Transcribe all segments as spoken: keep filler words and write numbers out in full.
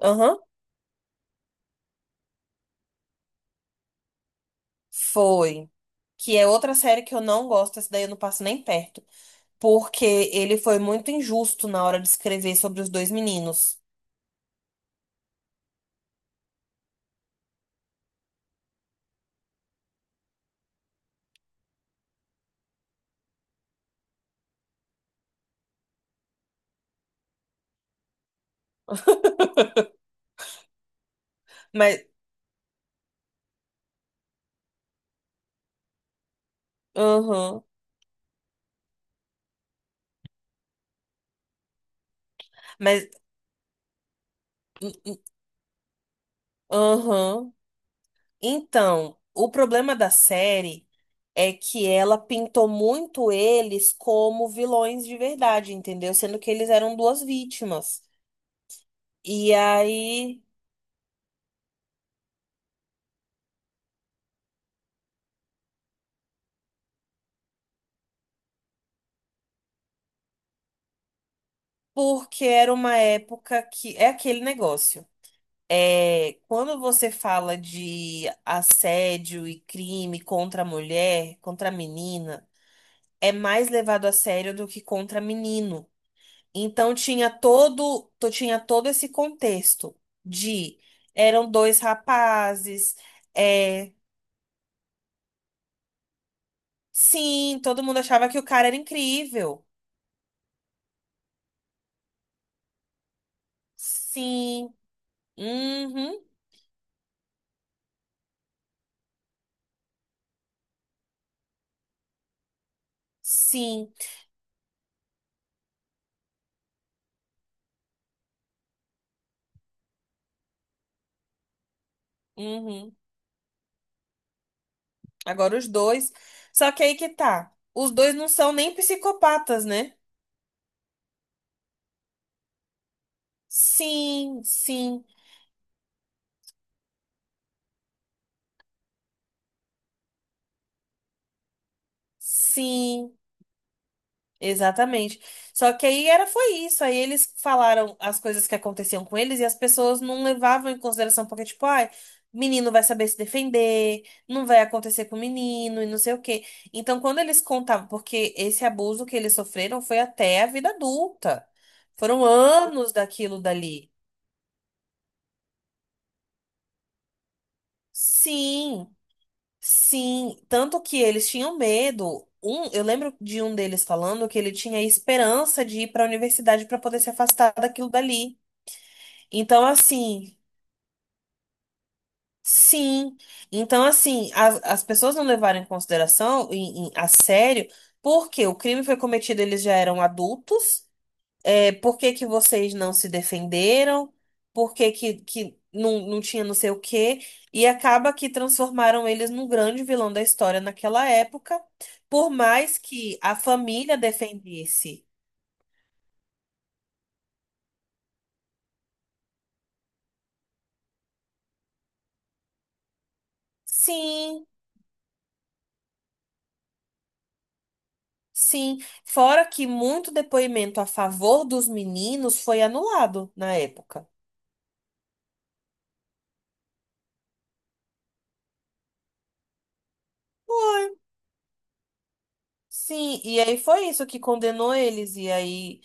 Aham, foi. Que é outra série que eu não gosto, essa daí eu não passo nem perto. Porque ele foi muito injusto na hora de escrever sobre os dois meninos. Mas, aham, mas, aham. Então, o problema da série é que ela pintou muito eles como vilões de verdade, entendeu? Sendo que eles eram duas vítimas. E aí, porque era uma época que é aquele negócio. É, quando você fala de assédio e crime contra a mulher, contra a menina, é mais levado a sério do que contra menino. Então tinha todo, to- tinha todo esse contexto de eram dois rapazes, é, sim, todo mundo achava que o cara era incrível. Sim, uhum, sim, uhum. Agora os dois. Só que aí que tá. Os dois não são nem psicopatas, né? Sim, sim, sim, exatamente. Só que aí era foi isso. Aí eles falaram as coisas que aconteciam com eles e as pessoas não levavam em consideração, porque, tipo, ai, menino vai saber se defender, não vai acontecer com o menino e não sei o quê. Então, quando eles contavam, porque esse abuso que eles sofreram foi até a vida adulta. Foram anos daquilo dali. Sim. Sim, tanto que eles tinham medo. Um, eu lembro de um deles falando que ele tinha esperança de ir para a universidade para poder se afastar daquilo dali. Então, assim, sim. Então, assim, as, as pessoas não levaram em consideração, em, em- a sério, porque o crime foi cometido, eles já eram adultos. É, por que que vocês não se defenderam? Por que que, que não, não tinha não sei o quê? E acaba que transformaram eles num grande vilão da história naquela época, por mais que a família defendesse. Sim, sim. Fora que muito depoimento a favor dos meninos foi anulado na época. Foi. Sim, e aí foi isso que condenou eles. E aí,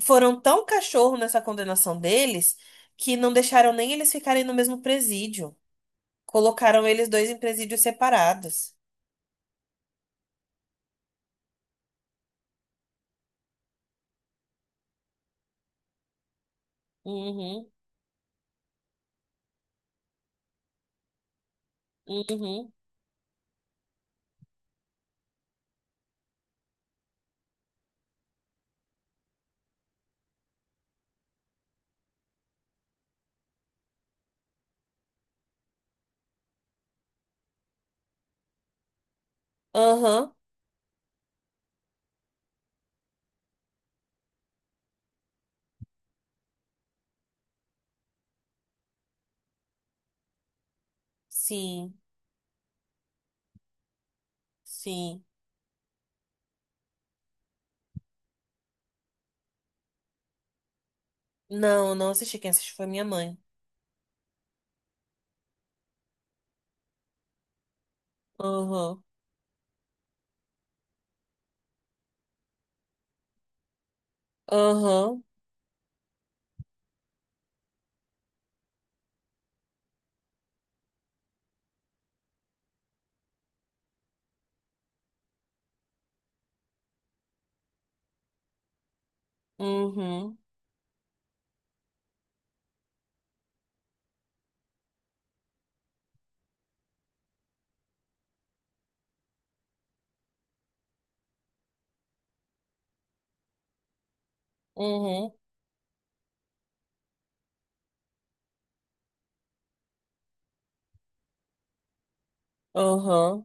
foram tão cachorro nessa condenação deles que não deixaram nem eles ficarem no mesmo presídio. Colocaram eles dois em presídios separados. Uhum, uhum, aham, sim, sim. Não, não assisti. Quem assistiu foi minha mãe. Aham, aham, uhum, uhum, aham.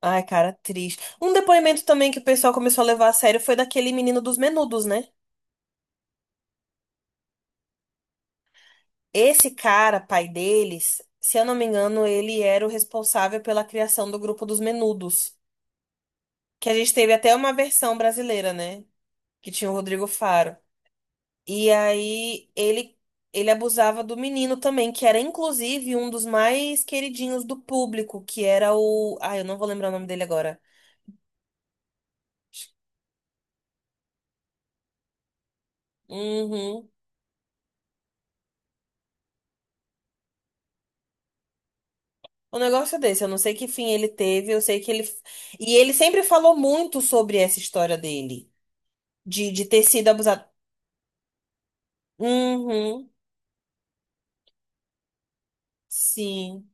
Ai, cara, triste. Um depoimento também que o pessoal começou a levar a sério foi daquele menino dos Menudos, né? Esse cara, pai deles, se eu não me engano, ele era o responsável pela criação do grupo dos Menudos, que a gente teve até uma versão brasileira, né? Que tinha o Rodrigo Faro. E aí ele ele abusava do menino também, que era inclusive um dos mais queridinhos do público, que era o, ah, eu não vou lembrar o nome dele agora. Uhum. Um negócio desse, eu não sei que fim ele teve, eu sei que ele e ele sempre falou muito sobre essa história dele, de, de ter sido abusado. Uhum. Sim,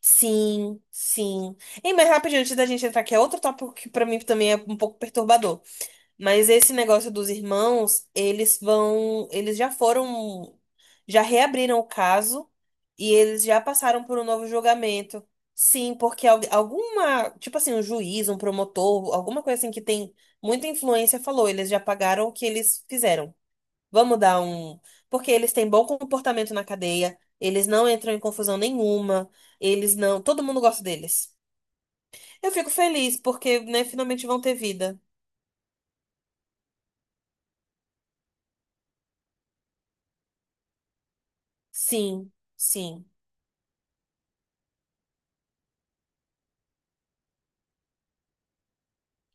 sim, sim. E mais rapidinho, antes da gente entrar, que é outro tópico que pra mim também é um pouco perturbador. Mas esse negócio dos irmãos, eles vão, eles já foram, já reabriram o caso e eles já passaram por um novo julgamento. Sim, porque al- alguma, tipo assim, um juiz, um promotor, alguma coisa assim que tem muita influência falou, eles já pagaram o que eles fizeram. Vamos dar um. Porque eles têm bom comportamento na cadeia, eles não entram em confusão nenhuma, eles não. Todo mundo gosta deles. Eu fico feliz porque, né, finalmente vão ter vida. Sim, sim,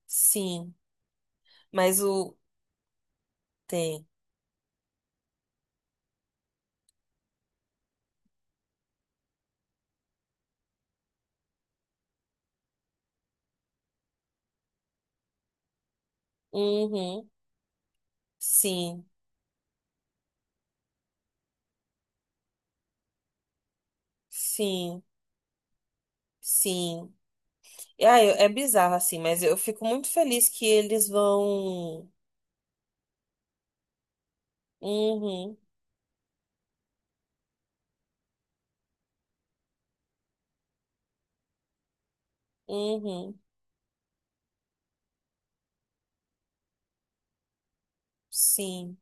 sim. Mas o. Tem. Uhum. Sim, sim, sim. E, ah, eu- é bizarro assim, mas eu fico muito feliz que eles vão. Uhum, uhum. Sim,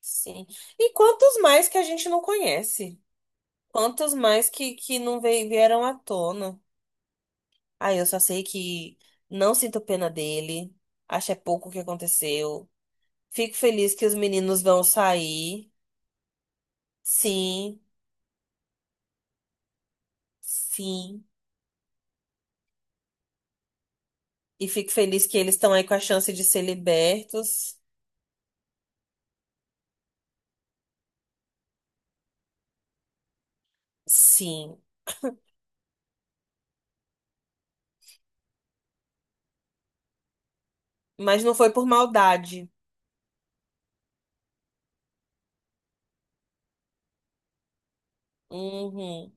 sim. E quantos mais que a gente não conhece? Quantos mais que, que não veio- vieram à tona? Ah, eu só sei que não sinto pena dele. Acho é pouco o que aconteceu. Fico feliz que os meninos vão sair. Sim, sim. E fico feliz que eles estão aí com a chance de ser libertos. Sim. Mas não foi por maldade. Uhum.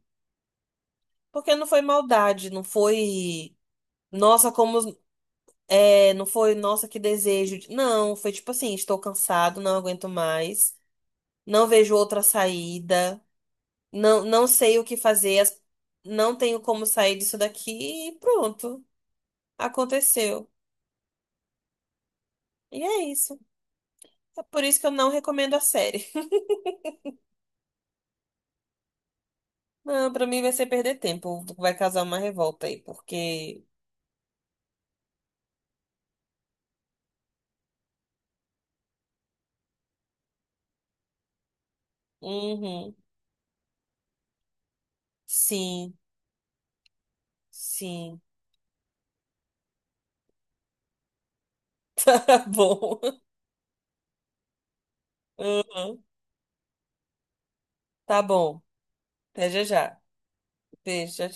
Porque não foi maldade, não foi. Nossa, como. Os- É, não foi, nossa, que desejo. De-" Não, foi tipo assim, estou cansado, não aguento mais. Não vejo outra saída, não, não sei o que fazer, as- não tenho como sair disso daqui e pronto, aconteceu. E é isso. É por isso que eu não recomendo a série. Não, pra mim vai ser perder tempo, vai causar uma revolta aí, porque. Uhum, sim, sim. Tá bom. Uhum, tá bom. Até já já. Beijo, tchau, tchau.